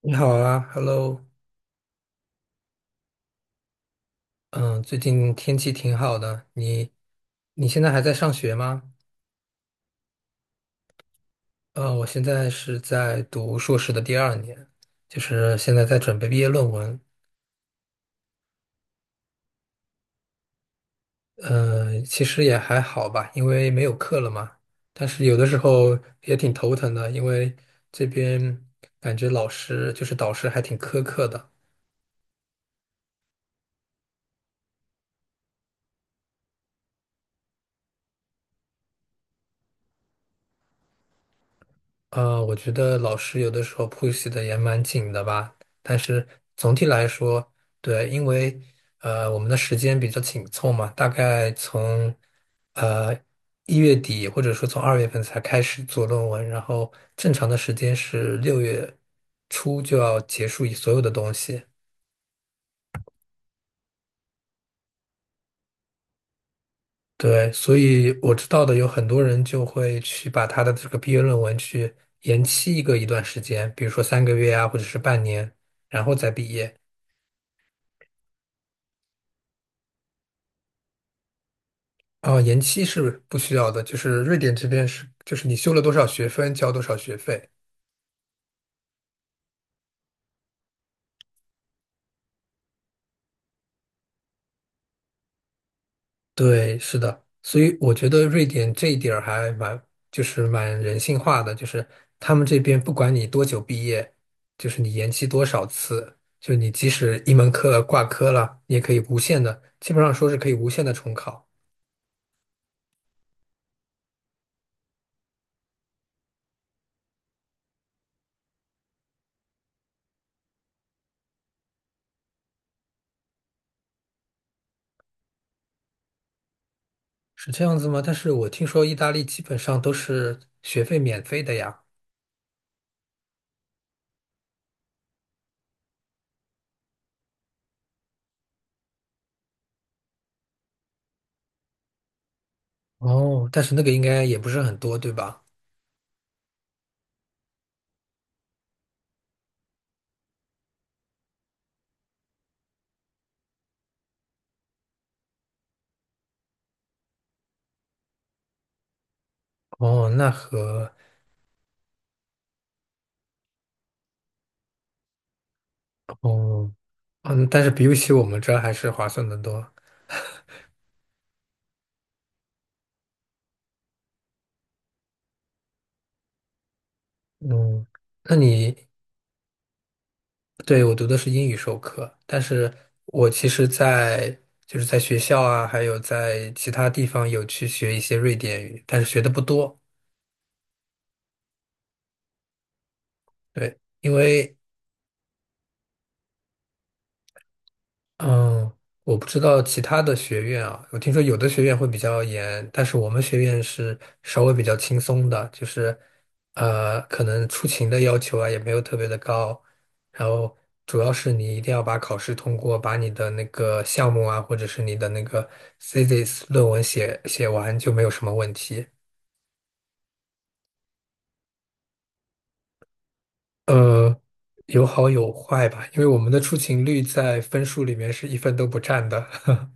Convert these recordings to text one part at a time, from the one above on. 你好啊，Hello，嗯，最近天气挺好的。你现在还在上学吗？我现在是在读硕士的第二年，就是现在在准备毕业论文。其实也还好吧，因为没有课了嘛。但是有的时候也挺头疼的，因为这边感觉老师就是导师还挺苛刻的。我觉得老师有的时候 push 的也蛮紧的吧，但是总体来说，对，因为我们的时间比较紧凑嘛，大概从呃1月底或者说从2月份才开始做论文，然后正常的时间是6月初就要结束所有的东西。对，所以我知道的有很多人就会去把他的这个毕业论文去延期一段时间，比如说3个月啊，或者是半年，然后再毕业。哦，延期是不需要的，就是瑞典这边是，就是你修了多少学分，交多少学费。对，是的，所以我觉得瑞典这一点儿就是蛮人性化的，就是他们这边不管你多久毕业，就是你延期多少次，就是你即使一门课挂科了，你也可以无限的，基本上说是可以无限的重考，是这样子吗？但是我听说意大利基本上都是学费免费的呀。哦，但是那个应该也不是很多，对吧？哦，哦，嗯，但是比起我们这儿还是划算的多。嗯，那你，对，我读的是英语授课，但是我其实在，就是在学校啊，还有在其他地方有去学一些瑞典语，但是学的不多。对，因为嗯，我不知道其他的学院啊，我听说有的学院会比较严，但是我们学院是稍微比较轻松的，就是可能出勤的要求啊也没有特别的高，然后主要是你一定要把考试通过，把你的那个项目啊，或者是你的那个 thesis 论文写完就没有什么问题。呃，有好有坏吧，因为我们的出勤率在分数里面是一分都不占的。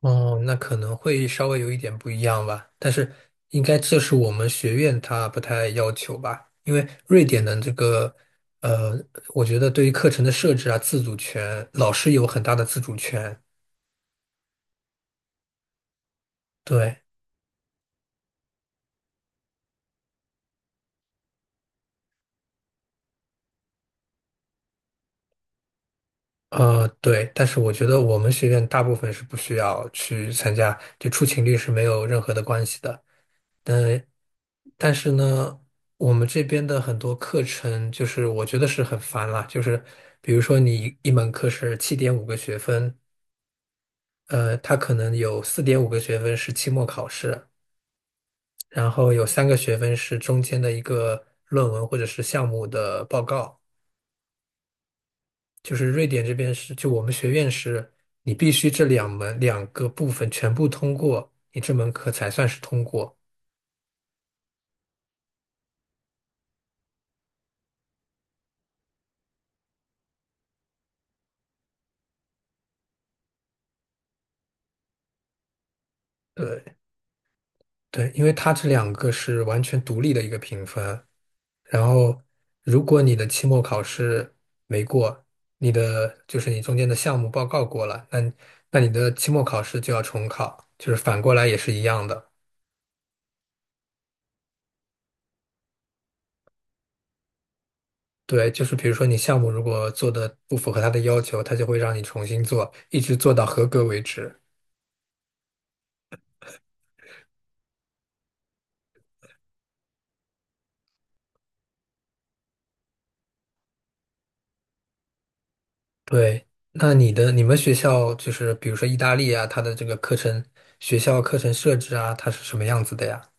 哦，那可能会稍微有一点不一样吧，但是应该这是我们学院它不太要求吧，因为瑞典的这个，呃，我觉得对于课程的设置啊，自主权，老师有很大的自主权。对，对，但是我觉得我们学院大部分是不需要去参加，就出勤率是没有任何的关系的。但但是呢，我们这边的很多课程，就是我觉得是很烦啦。就是比如说，你一门课是7.5个学分，它可能有4.5个学分是期末考试，然后有3个学分是中间的一个论文或者是项目的报告。就是瑞典这边是，就我们学院是，你必须这两门两个部分全部通过，你这门课才算是通过。对对，因为它这两个是完全独立的一个评分。然后，如果你的期末考试没过，你的就是你中间的项目报告过了，那你的期末考试就要重考，就是反过来也是一样的。对，就是比如说你项目如果做的不符合他的要求，他就会让你重新做，一直做到合格为止。对，那你的你们学校就是比如说意大利啊，它的这个课程学校课程设置啊，它是什么样子的呀？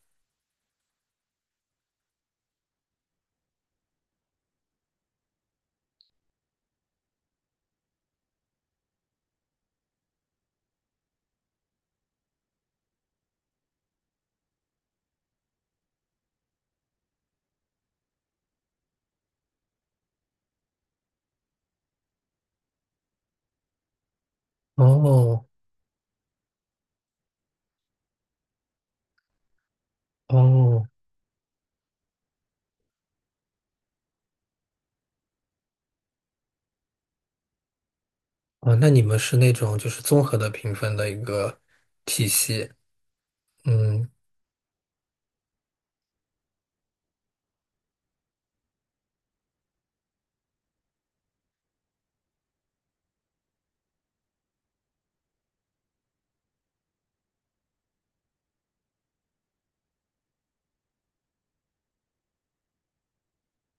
哦哦，啊，那你们是那种就是综合的评分的一个体系，嗯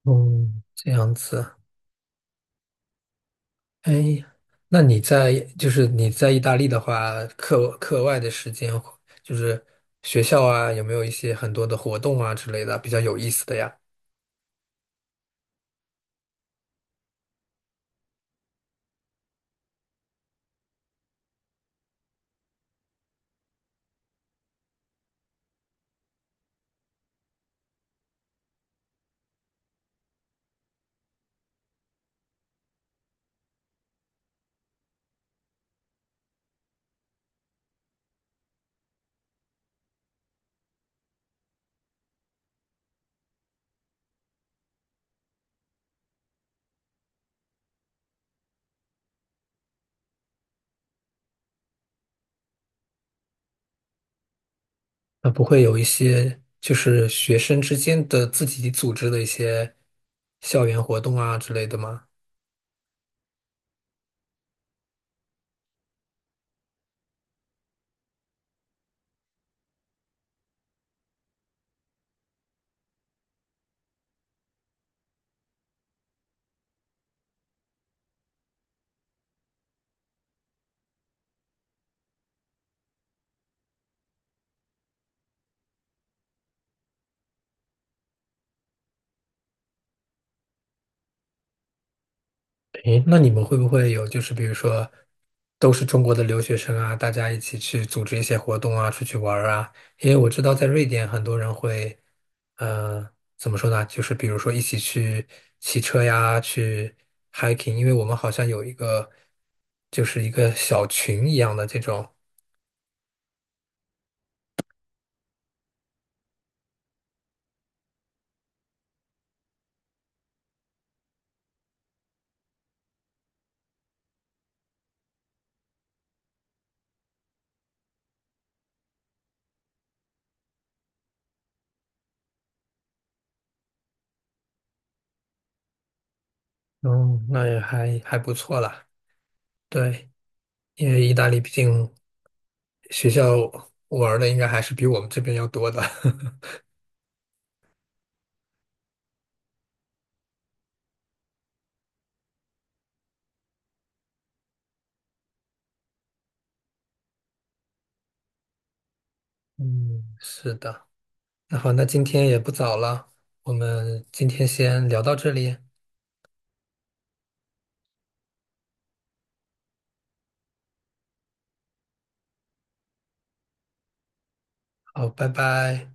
嗯，这样子。哎，那你在就是你在意大利的话，课外的时间就是学校啊，有没有一些很多的活动啊之类的比较有意思的呀？那不会有一些就是学生之间的自己组织的一些校园活动啊之类的吗？诶，那你们会不会有就是比如说都是中国的留学生啊，大家一起去组织一些活动啊，出去玩儿啊？因为我知道在瑞典很多人会，呃，怎么说呢？就是比如说一起去骑车呀，去 hiking，因为我们好像有一个就是一个小群一样的这种，嗯，那也还不错啦。对，因为意大利毕竟学校玩儿的应该还是比我们这边要多的。嗯，是的。那好，那今天也不早了，我们今天先聊到这里，好，拜拜。